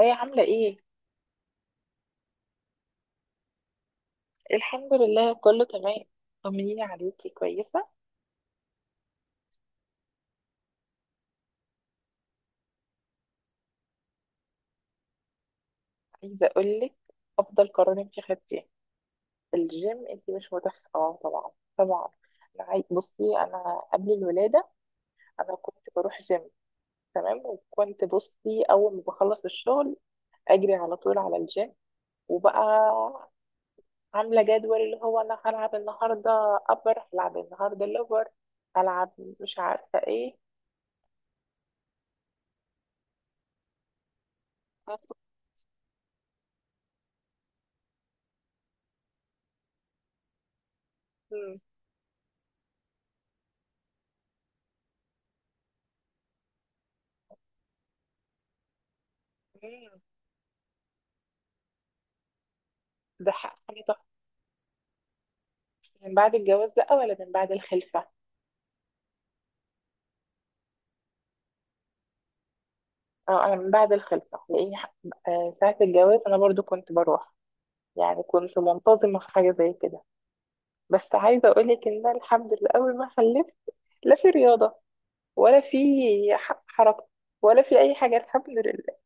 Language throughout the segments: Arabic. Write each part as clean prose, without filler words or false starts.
ايه عاملة ايه؟ الحمد لله كله تمام. طمنيني عليكي، كويسة. عايزة اقولك، افضل قرار انتي خدتيه الجيم. انتي مش متخ طبعا. طبعا. بصي، انا قبل الولادة انا كنت بروح جيم. تمام، وكنت بصي اول ما بخلص الشغل اجري على طول على الجيم. وبقى عاملة جدول، اللي هو انا هلعب النهاردة ابر، هلعب النهاردة لور، هلعب مش عارفة ايه. مم. مم. ده حاجة من بعد الجواز بقى ولا من بعد الخلفة؟ اه، انا من بعد الخلفة لاني ساعة الجواز انا برضو كنت بروح. يعني كنت منتظمة في حاجة زي كده. بس عايزة اقولك ان أنا الحمد لله اول ما خلفت لا في رياضة ولا في حركة ولا في اي حاجة، الحمد لله.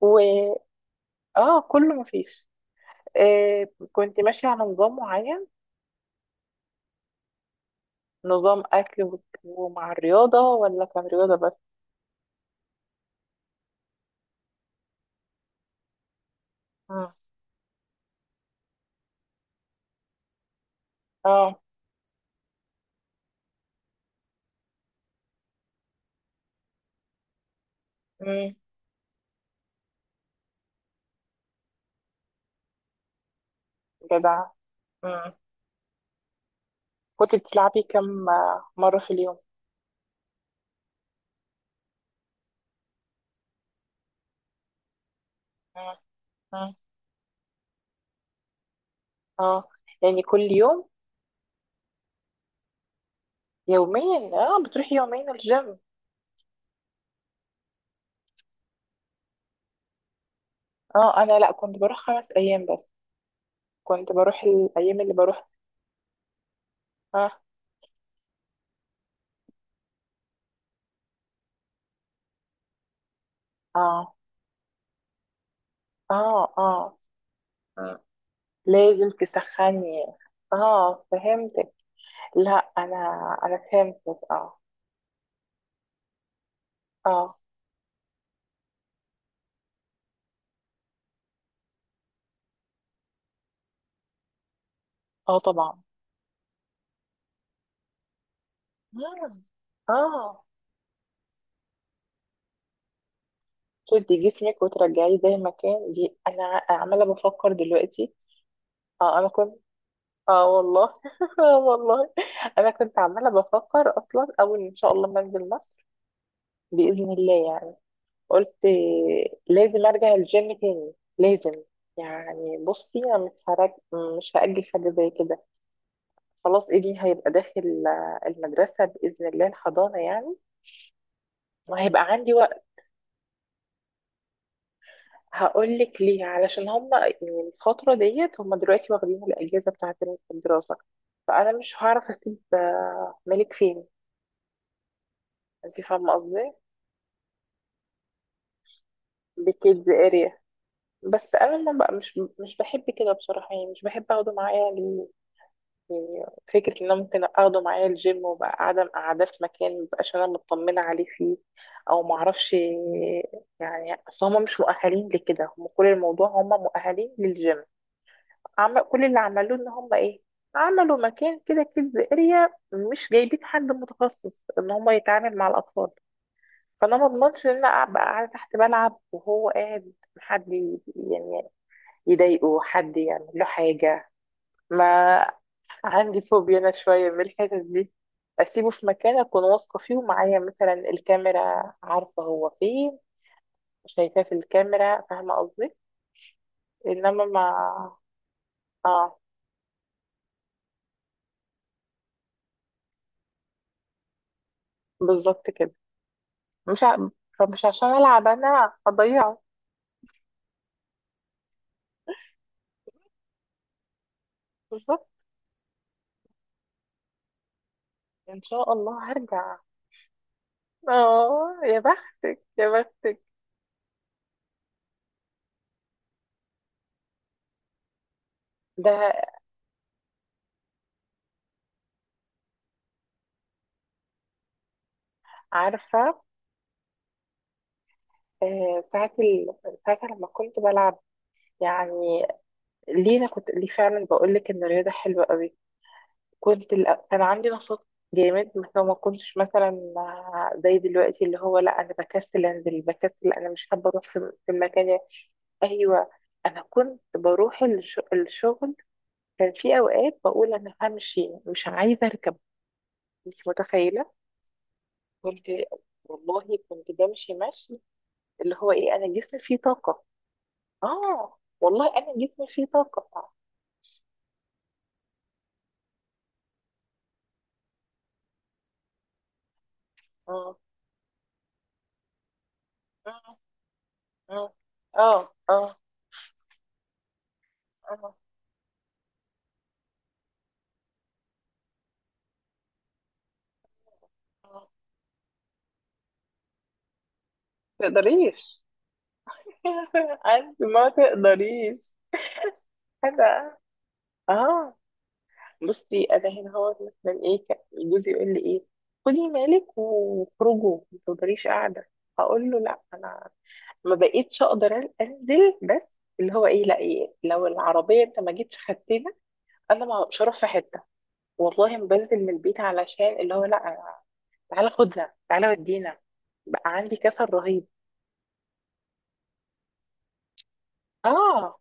و اه كله مفيش. آه، كنت ماشية على نظام معين. نظام اكل ومع الرياضة، ولا كان رياضة بس؟ مم. اه. مم. جدع. كنت بتلعبي كم مرة في اليوم؟ مم. مم. اه، يعني كل يوم. يوميا؟ اه، بتروحي يومين الجيم؟ اه، انا لا كنت بروح خمس ايام بس. كنت بروح الايام اللي بروح. اه. اه. اه. اه. مم. لازم تسخني. اه، فهمتك. لا. انا. فهمتك اه. اه. اه طبعا. مم. اه، تدي جسمك وترجعيه زي ما كان، دي انا عماله بفكر دلوقتي. اه انا كنت. اه والله آه والله، انا كنت عماله بفكر اصلا اول ان شاء الله ما انزل مصر باذن الله يعني. قلت لازم ارجع الجيم تاني، لازم. يعني بصي انا مش هرج... مش هاجل حاجه زي كده. خلاص ابني هيبقى داخل آه، المدرسه باذن الله، الحضانه يعني. وهيبقى عندي وقت. هقول لك ليه، علشان هم يعني الفتره ديت هم دلوقتي واخدين الاجازه بتاعت الدراسه. فانا مش هعرف اسيب آه، ملك فين. انت فاهمه قصدي. بكيدز اريا. بس انا ما بقى مش بحب كده بصراحه، يعني مش بحب اخده معايا يعني. فكره ان انا ممكن اخده معايا الجيم وبقى قاعده في مكان مبقاش انا مطمنه عليه فيه. او ما اعرفش. يعني اصل هم مش مؤهلين لكده، هم كل الموضوع هم مؤهلين للجيم. عم، كل اللي عملوه ان هم ايه، عملوا مكان كده كيدز اريا، مش جايبين حد متخصص ان هم يتعامل مع الاطفال. فانا ما اضمنش ان انا ابقى قاعده تحت بلعب وهو قاعد حد يعني يضايقه، حد يعمل له حاجة. ما عندي فوبيا أنا شوية من الحتت دي. أسيبه في مكان أكون واثقة فيه، ومعايا مثلا الكاميرا، عارفة هو فين، شايفاه في الكاميرا، فاهمة قصدي. إنما ما. آه. بالظبط كده. مش ع... فمش عشان ألعب أنا أضيعه. بالظبط. إن شاء الله هرجع. آه، يا بختك يا بختك. ده عارفة آه، ساعة لما كنت بلعب يعني، ليه انا كنت ليه، فعلا بقول لك ان الرياضه حلوه قوي. كان عندي نشاط جامد. بس هو ما كنتش مثلا زي دلوقتي، اللي هو لا انا بكسل انزل، بكسل انا مش حابه اروح في المكان يعني. ايوه. انا كنت بروح الشغل، كان في اوقات بقول انا همشي مش عايزه اركب. مش متخيله. كنت. والله كنت بمشي مشي، اللي هو ايه انا جسمي فيه طاقه. اه والله انا جسمي فيه طاقه. اه. اه. اه. اه. آه. آه. آه. تقدريش. عارف ما تقدريش. انا اه. بصي انا هنا هو مثلا ايه كان جوزي يقول لي ايه، خدي مالك وخرجوا، ما تقدريش قاعده. اقول له لا، انا ما بقيتش اقدر انزل. بس اللي هو ايه لا، إيه لو العربيه انت ما جيتش خدتنا؟ انا ما- مش هروح في حته. والله ما بنزل من البيت، علشان اللي هو لا تعالى خدنا، تعالى ودينا. بقى عندي كسل رهيب. اه.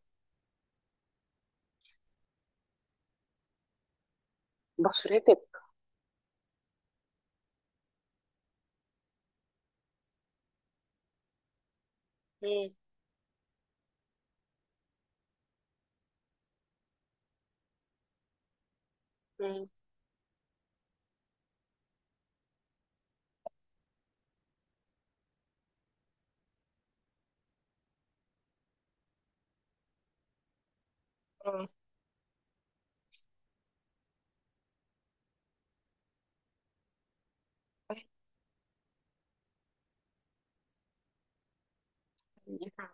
بشرتك. مم. اه، يبقى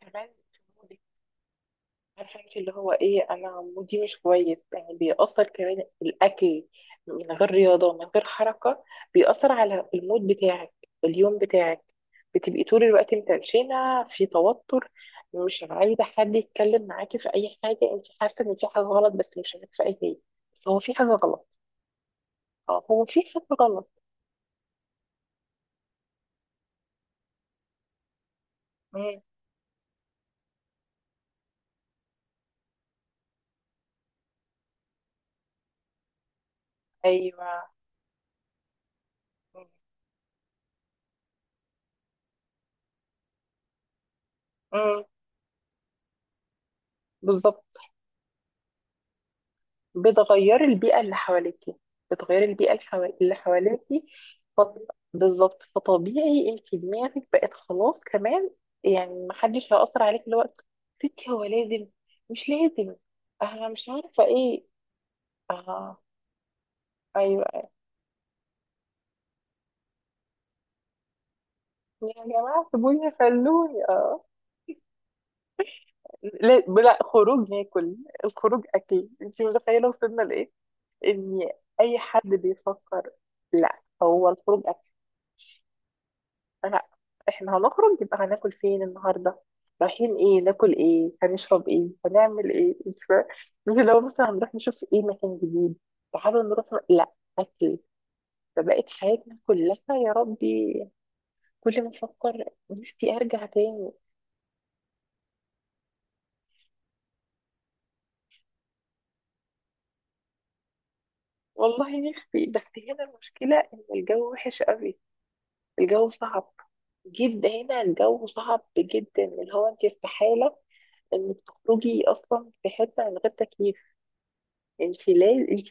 كمان في مودك. عارفه انت اللي هو ايه، انا مودي مش كويس، يعني بيأثر كمان الاكل. من غير رياضه، من غير حركه، بيأثر على المود بتاعك، اليوم بتاعك. بتبقي طول الوقت متنشنه، في توتر، مش عايزه حد يتكلم معاكي في اي حاجه. انت حاسه ان في حاجه غلط بس مش عارفه ايه هي. بس هو في حاجه غلط. اه، هو في حاجه غلط. مم. ايوه. مم. مم. بالظبط. بتغيري البيئة اللي حواليكي. بتغيري البيئة اللي حواليكي. فط- بالظبط. فطبيعي انت دماغك بقت خلاص كمان. يعني محدش هيأثر عليك اللي هو ستي، هو لازم، مش لازم، انا مش عارفة ايه. اه. ايوه. يا جماعة سيبوني خلوني، اه. لا لا، خروج ناكل؟ الخروج اكل؟ انت متخيلة وصلنا لايه؟ ان اي حد بيفكر، لا هو الخروج، لا احنا هنخرج يبقى هناكل فين النهارده، رايحين ايه، ناكل ايه، هنشرب ايه، هنعمل ايه، مش لو مثلا هنروح نشوف ايه مكان جديد، تعالوا نروح، لا اكل. فبقت حياتنا كلها. يا ربي. كل ما افكر، نفسي ارجع تاني. والله نفسي، بس هنا المشكله ان الجو وحش قوي، الجو صعب جدا هنا، الجو صعب جدا، اللي هو انت استحاله انك تخرجي اصلا في حته من غير تكييف. انت لازم انت.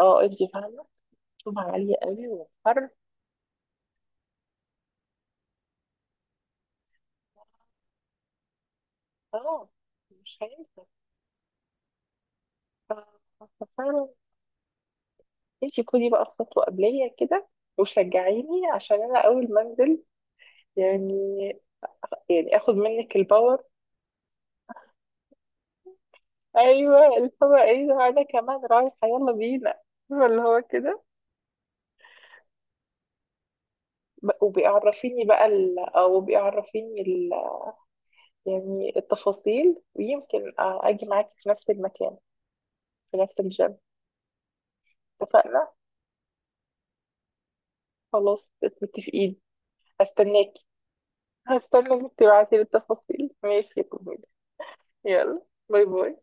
اه، انت فاهمة. طبعا عالية قوي والحر. اه. مش هينفع. ف- ففعلا، انت خدي بقى خطوة قبلية كده وشجعيني، عشان انا اول ما انزل يعني، يعني اخد منك الباور. ايوه، اللي هو ايه، ده انا كمان رايحة، يلا بينا، فاهمة اللي هو كده. او بيعرفيني ال... يعني التفاصيل، ويمكن آه، اجي معاكي في نفس المكان، في نفس الجيم. اتفقنا، خلاص متفقين، استناك. هستنى انك تبعتي لي التفاصيل، ماشي يا كميل؟ يلا، باي باي.